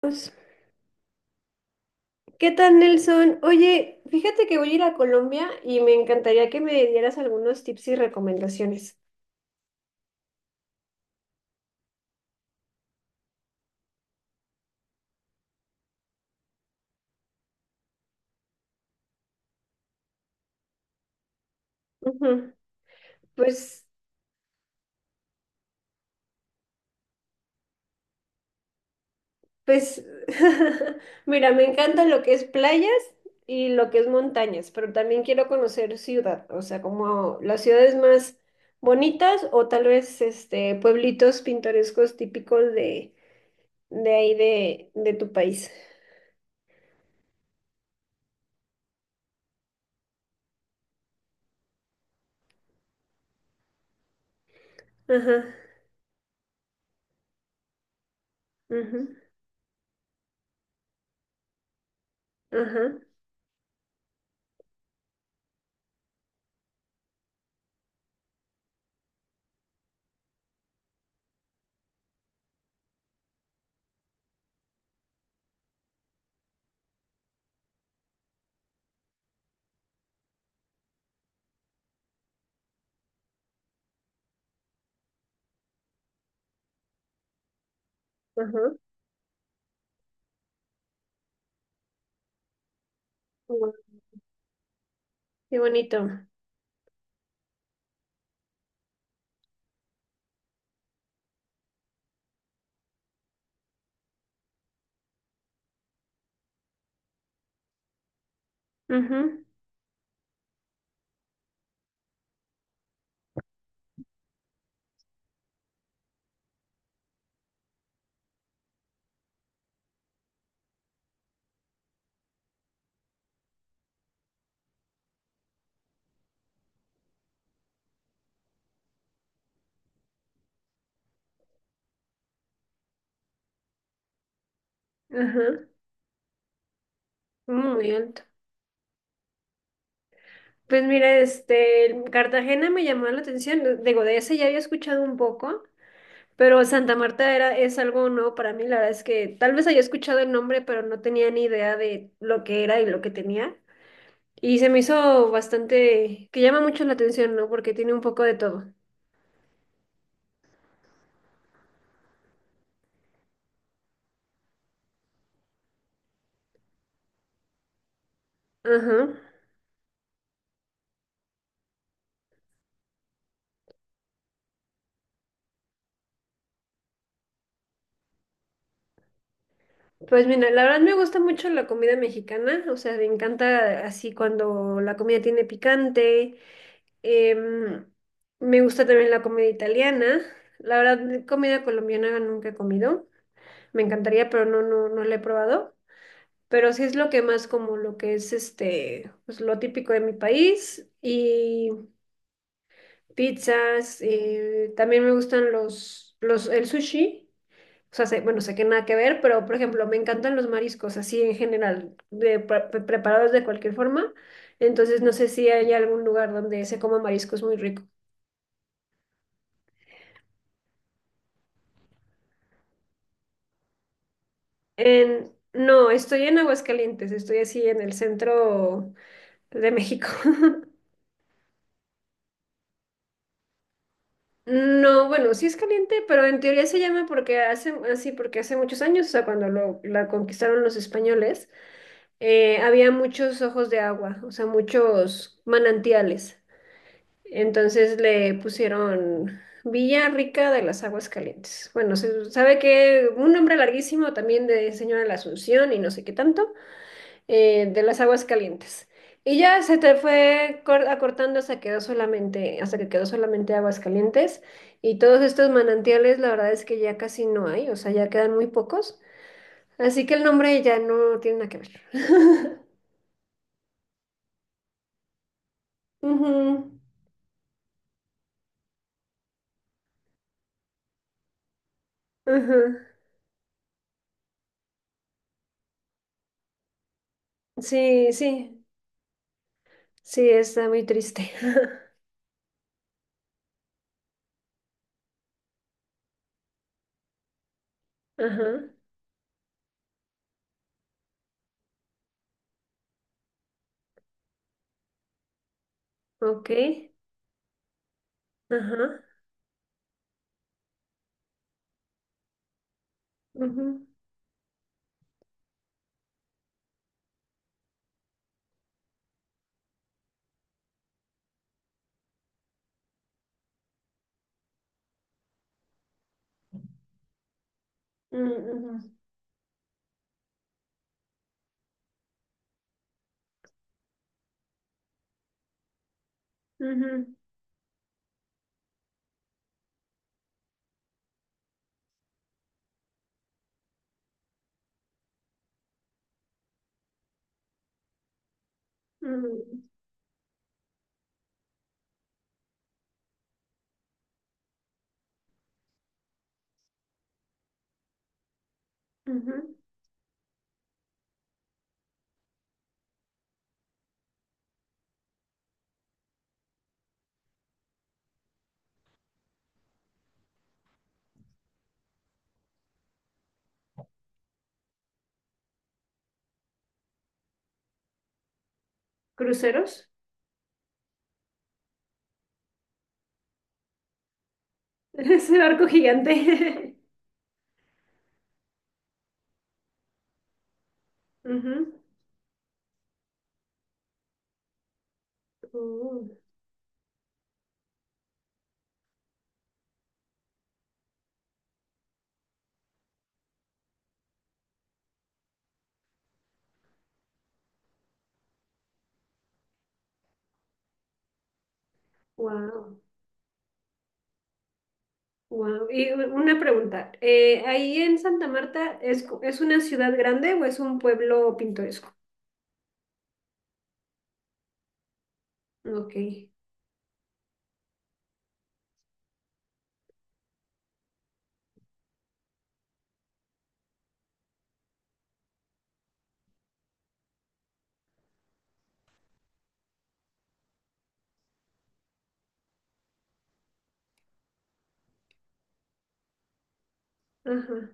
Pues, ¿qué tal, Nelson? Oye, fíjate que voy a ir a Colombia y me encantaría que me dieras algunos tips y recomendaciones. Ujú. Pues, pues, mira, me encanta lo que es playas y lo que es montañas, pero también quiero conocer ciudad, o sea, como las ciudades más bonitas o tal vez este pueblitos pintorescos típicos de ahí de tu país. Ajá, ajá, ajá, ajá. Qué bonito. Ujú. Ajá, muy alto. Pues mira, este, Cartagena me llamó la atención, digo, de ese ya había escuchado un poco, pero Santa Marta era, es algo nuevo para mí, la verdad es que tal vez había escuchado el nombre, pero no tenía ni idea de lo que era y lo que tenía. Y se me hizo bastante, que llama mucho la atención, ¿no? Porque tiene un poco de todo. Ajá. Pues mira, la verdad me gusta mucho la comida mexicana, o sea, me encanta así cuando la comida tiene picante. em, Me gusta también la comida italiana. La verdad, comida colombiana nunca he comido. Me encantaría, pero no, no, no la he probado. Pero sí es lo que más como lo que es este, pues lo típico de mi país y pizzas. También me gustan el sushi. O sea, bueno, sé que nada que ver, pero por ejemplo, me encantan los mariscos, así en general, de preparados de cualquier forma. Entonces, no sé si hay algún lugar donde se coma mariscos muy rico. No, estoy en Aguascalientes, estoy así en el centro de México. No, bueno, sí es caliente, pero en teoría se llama porque hace, así porque hace muchos años, o sea, cuando lo, la conquistaron los españoles, había muchos ojos de agua, o sea, muchos manantiales. Entonces le pusieron Villa Rica de las Aguas Calientes. Bueno, se sabe que un nombre larguísimo también de Señora de la Asunción y no sé qué tanto, de las Aguas Calientes. Y ya se te fue acortando hasta quedó solamente, hasta que quedó solamente Aguas Calientes. Y todos estos manantiales, la verdad es que ya casi no hay, o sea, ya quedan muy pocos. Así que el nombre ya no tiene nada que ver. Ujú, ujú. Sí, sí, sí, está muy triste. Ajá, ok, ajá, ujú, mm, ujú, ujú, mm, ujú. ¿Cruceros? Ese barco gigante. Ujú. Oh, wow, wow. Y una pregunta, ¿ahí en Santa Marta es, es una ciudad grande o es un pueblo pintoresco? Ok, ajá.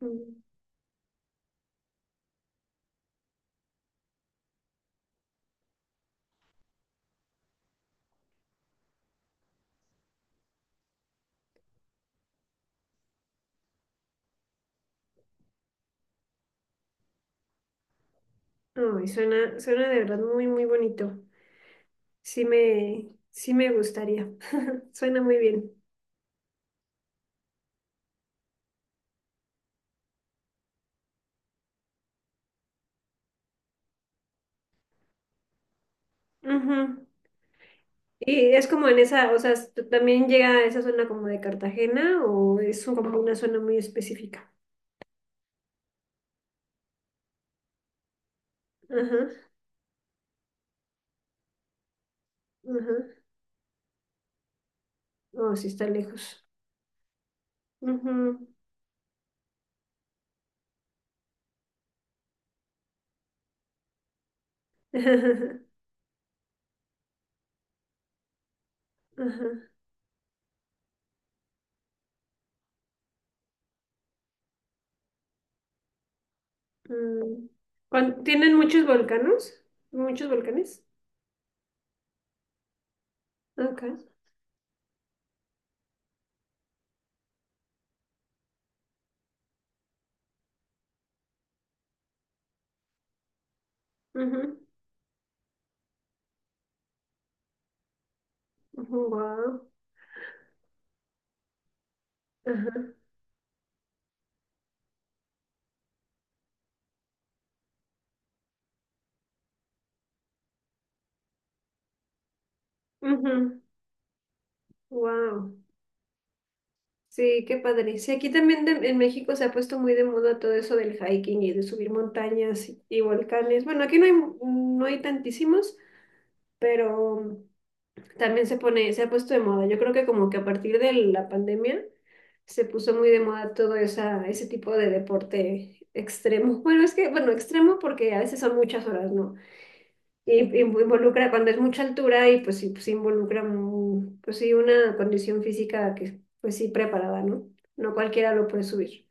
Mm. Ay, suena, suena de verdad muy, muy bonito. Sí me gustaría. Suena muy bien. Ujú. Y es como en esa, o sea, ¿tú también llega a esa zona como de Cartagena o es como una zona muy específica? Ajá, ajá. Oh, sí está lejos. Ujú. Ajá. Mm. ¿Tienen muchos volcanes? ¿Muchos volcanes? Acá. Ujú. Ujú, wow. Ajá. Ujú. Wow. Sí, qué padre. Sí, aquí también en México se ha puesto muy de moda todo eso del hiking y de subir montañas y volcanes. Bueno, aquí no hay, no hay tantísimos, pero también se pone, se ha puesto de moda. Yo creo que como que a partir de la pandemia se puso muy de moda todo esa, ese tipo de deporte extremo. Bueno, es que, bueno, extremo porque a veces son muchas horas, ¿no? Y involucra, cuando es mucha altura y pues sí involucra, mm, pues sí, una condición física que pues sí preparada, ¿no? No cualquiera lo puede subir.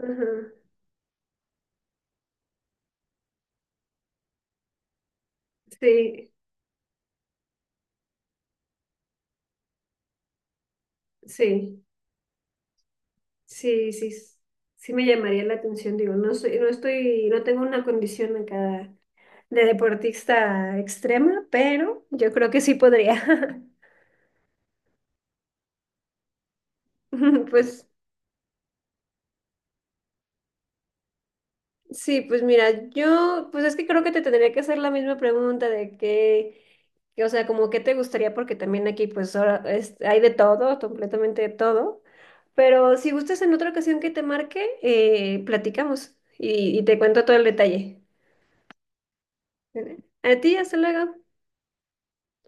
Ajá. Sí, sí, sí, sí, sí me llamaría la atención, digo, no soy, no estoy, no tengo una condición acá de deportista extrema, pero yo creo que sí podría. Pues sí, pues mira, yo, pues es que creo que te tendría que hacer la misma pregunta de qué, o sea, como qué te gustaría, porque también aquí pues ahora hay de todo, completamente de todo, pero si gustas en otra ocasión que te marque, platicamos y te cuento todo el detalle. ¿Vale? A ti, hasta luego.